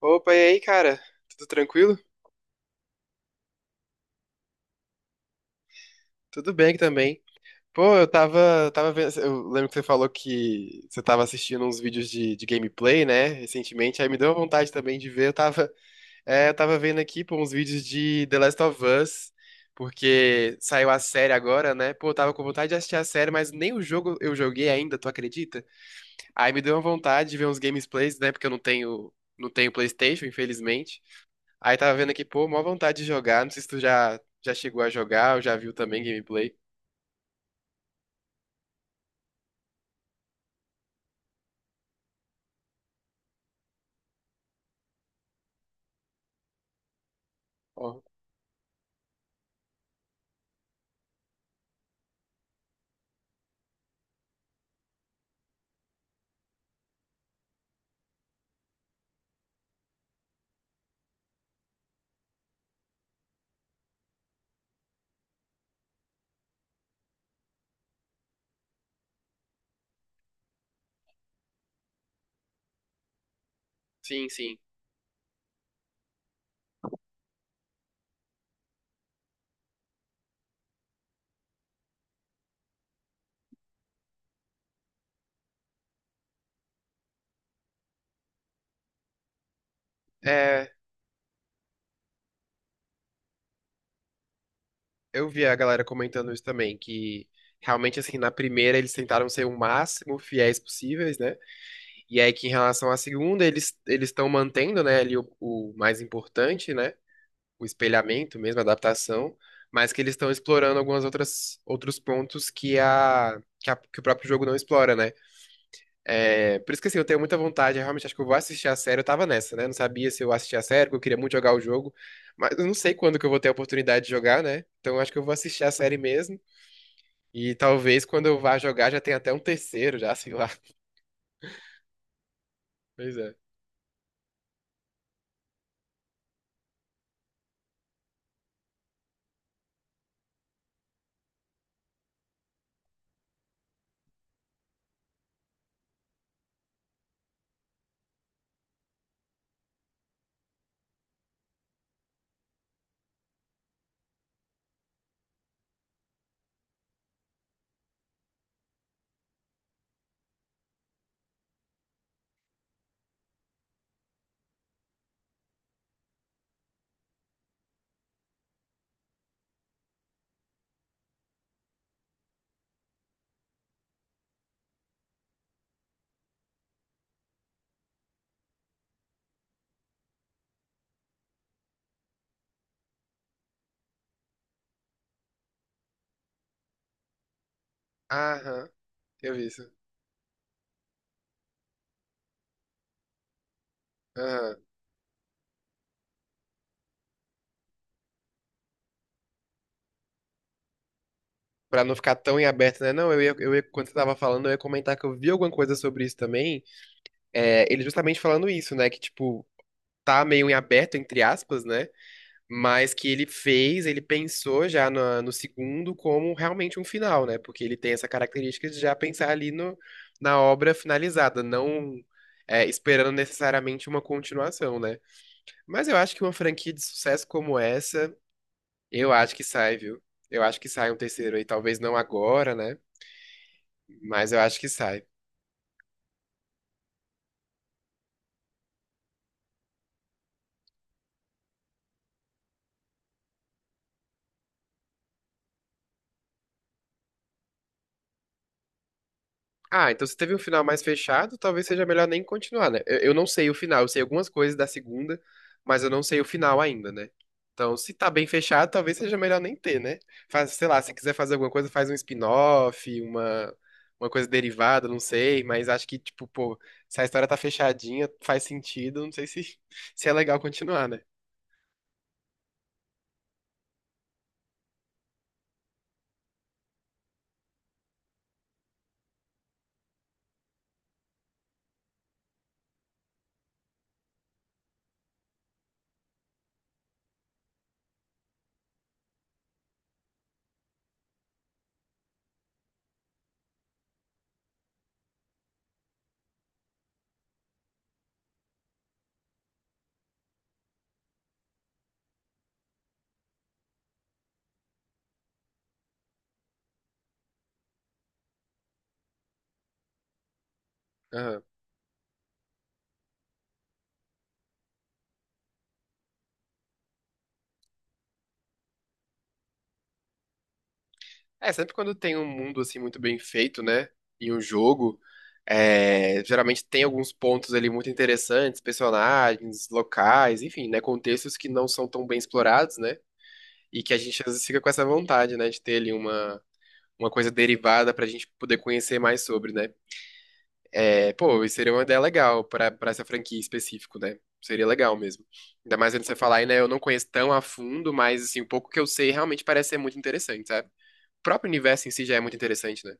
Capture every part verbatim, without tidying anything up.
Opa, e aí, cara? Tudo tranquilo? Tudo bem aqui também. Pô, eu tava, tava vendo, eu lembro que você falou que você tava assistindo uns vídeos de, de gameplay, né, recentemente, aí me deu vontade também de ver, eu tava, é, eu tava vendo aqui, pô, uns vídeos de The Last of Us, porque saiu a série agora, né, pô, eu tava com vontade de assistir a série, mas nem o jogo eu joguei ainda, tu acredita? Aí me deu uma vontade de ver uns gameplays, né, porque eu não tenho, não tenho PlayStation, infelizmente. Aí tava vendo aqui, pô, mó vontade de jogar. Não sei se tu já, já chegou a jogar ou já viu também gameplay. Ó, sim, sim. É, eu vi a galera comentando isso também, que realmente, assim, na primeira eles tentaram ser o máximo fiéis possíveis, né? E aí que em relação à segunda, eles eles estão mantendo, né, ali o, o mais importante, né? O espelhamento mesmo, a adaptação. Mas que eles estão explorando algumas outras outros pontos que a, que a que o próprio jogo não explora, né? É, por isso que assim, eu tenho muita vontade, eu realmente acho que eu vou assistir a série. Eu tava nessa, né? Não sabia se eu assistia a série, porque eu queria muito jogar o jogo. Mas eu não sei quando que eu vou ter a oportunidade de jogar, né? Então eu acho que eu vou assistir a série mesmo. E talvez quando eu vá jogar já tenha até um terceiro, já, sei lá. Pois é. Aham, eu vi isso. Aham. Pra não ficar tão em aberto, né? Não, eu ia, eu ia, quando você tava falando, eu ia comentar que eu vi alguma coisa sobre isso também. É, ele justamente falando isso, né? Que, tipo, tá meio em aberto, entre aspas, né? Mas que ele fez, ele pensou já na- no segundo como realmente um final, né? Porque ele tem essa característica de já pensar ali no, na obra finalizada, não é, esperando necessariamente uma continuação, né? Mas eu acho que uma franquia de sucesso como essa, eu acho que sai, viu? Eu acho que sai um terceiro aí, talvez não agora, né? Mas eu acho que sai. Ah, então se teve um final mais fechado, talvez seja melhor nem continuar, né? Eu, eu não sei o final, eu sei algumas coisas da segunda, mas eu não sei o final ainda, né? Então, se tá bem fechado, talvez seja melhor nem ter, né? Faz, sei lá, se quiser fazer alguma coisa, faz um spin-off, uma, uma coisa derivada, não sei, mas acho que, tipo, pô, se a história tá fechadinha, faz sentido, não sei se, se é legal continuar, né? É, sempre quando tem um mundo assim muito bem feito, né? Em um jogo, é, geralmente tem alguns pontos ali muito interessantes, personagens, locais, enfim, né? Contextos que não são tão bem explorados, né? E que a gente às vezes fica com essa vontade, né? De ter ali uma, uma coisa derivada pra gente poder conhecer mais sobre, né? É, pô, isso seria uma ideia legal pra, pra essa franquia em específico, né? Seria legal mesmo. Ainda mais quando você falar aí, né? Eu não conheço tão a fundo, mas assim, o pouco que eu sei realmente parece ser muito interessante, sabe? O próprio universo em si já é muito interessante, né?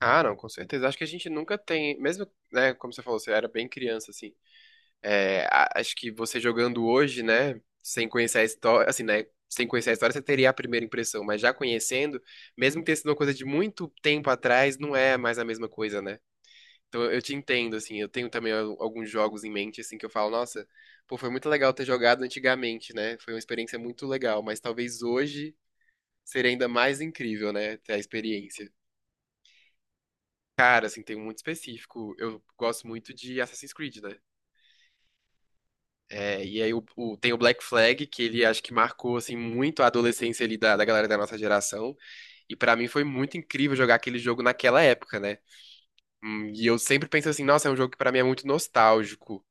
Ah, não, com certeza. Acho que a gente nunca tem, mesmo, né, como você falou, você era bem criança, assim. é, a- acho que você jogando hoje, né, sem conhecer a história, assim, né, sem conhecer a história, você teria a primeira impressão, mas já conhecendo, mesmo que tenha sido uma coisa de muito tempo atrás, não é mais a mesma coisa, né? Então eu te entendo, assim, eu tenho também al- alguns jogos em mente, assim, que eu falo, nossa, pô, foi muito legal ter jogado antigamente, né? Foi uma experiência muito legal, mas talvez hoje seria ainda mais incrível, né, ter a experiência. Cara, assim, tem um muito específico. Eu gosto muito de Assassin's Creed, né? É, e aí o, o- tem o Black Flag, que ele acho que marcou, assim, muito a adolescência ali da, da galera da nossa geração. E pra mim foi muito incrível jogar aquele jogo naquela época, né? Hum, E eu sempre penso assim, nossa, é um jogo que pra mim é muito nostálgico.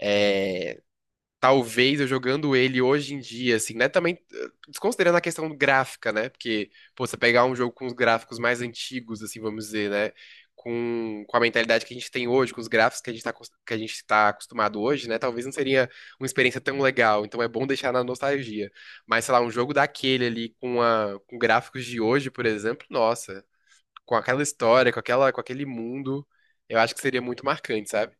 É, talvez eu jogando ele hoje em dia, assim, né? Também eh, desconsiderando a questão gráfica, né? Porque, pô, você pegar um jogo com os gráficos mais antigos, assim, vamos dizer, né? Com, com a mentalidade que a gente tem hoje, com os gráficos que a gente tá, acos- que a gente tá acostumado hoje, né? Talvez não seria uma experiência tão legal. Então é bom deixar na nostalgia. Mas, sei lá, um jogo daquele ali com, a, com gráficos de hoje, por exemplo, nossa, com aquela história, com aquela, com aquele mundo, eu acho que seria muito marcante, sabe?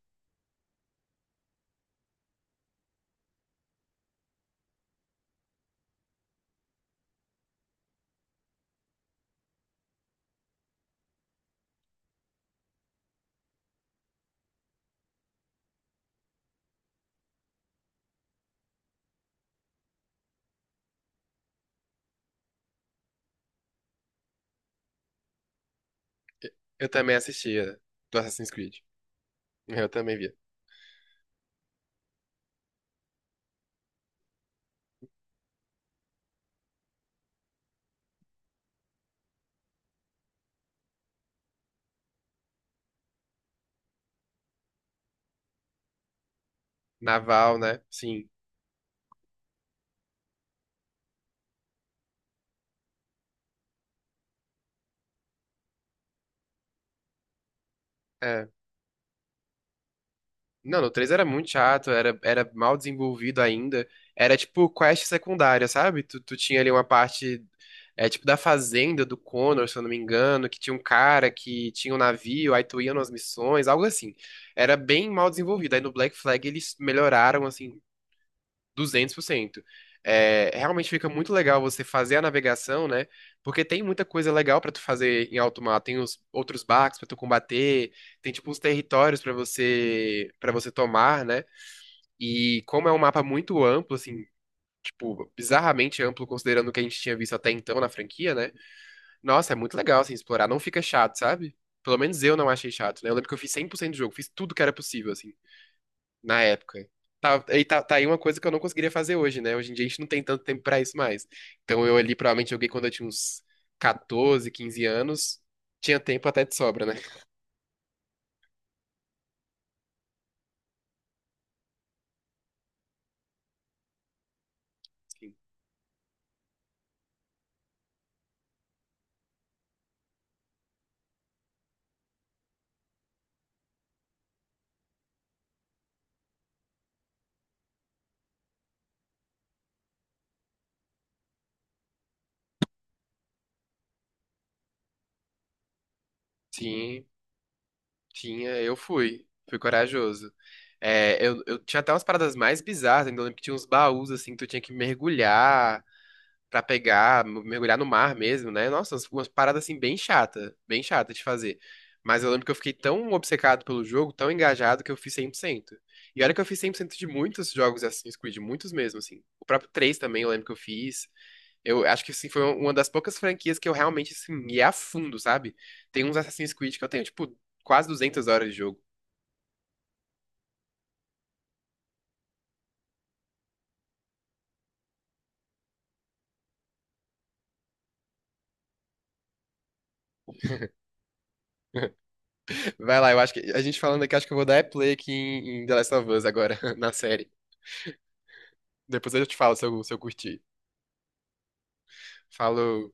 Eu também assistia do Assassin's Creed. Eu também via. Naval, né? Sim. É. Não, no três era muito chato, era, era mal desenvolvido ainda. Era tipo quest secundária, sabe? Tu, tu tinha ali uma parte, é, tipo da fazenda do Connor, se eu não me engano, que tinha um cara que tinha um navio, aí tu ia nas missões, algo assim. Era bem mal desenvolvido. Aí no Black Flag eles melhoraram, assim, duzentos por cento. É, realmente fica muito legal você fazer a navegação, né? Porque tem muita coisa legal pra tu fazer em alto mar. Tem os outros barcos pra tu combater, tem tipo os territórios pra você para você tomar, né? E como é um mapa muito amplo, assim, tipo, bizarramente amplo considerando o que a gente tinha visto até então na franquia, né? Nossa, é muito legal assim explorar, não fica chato, sabe? Pelo menos eu não achei chato, né? Eu lembro que eu fiz cem por cento do jogo, fiz tudo que era possível, assim na época. Tá, e tá, tá aí uma coisa que eu não conseguiria fazer hoje, né? Hoje em dia a gente não tem tanto tempo pra isso mais. Então eu ali provavelmente joguei quando eu tinha uns catorze quinze anos. Tinha tempo até de sobra, né? Sim. Tinha, tinha, eu fui. Fui corajoso. É, eu, eu tinha até umas paradas mais bizarras, ainda lembro que tinha uns baús assim que tu tinha que mergulhar, pra pegar, mergulhar no mar mesmo, né? Nossa, umas umas paradas assim bem chata, bem chata de fazer. Mas eu lembro que eu fiquei tão obcecado pelo jogo, tão engajado, que eu fiz cem por cento. E olha que eu fiz cem por cento de muitos jogos de Assassin's Creed, muitos mesmo, assim. O próprio três também eu lembro que eu fiz. Eu acho que, assim, foi um, uma das poucas franquias que eu realmente, assim, ia a fundo, sabe? Tem uns Assassin's Creed que eu tenho, tipo, quase duzentas horas de jogo. Vai lá, eu acho que a gente falando aqui, acho que eu vou dar é play aqui em, em The Last of Us agora, na série. Depois eu te falo se eu, se eu, curti. Falou.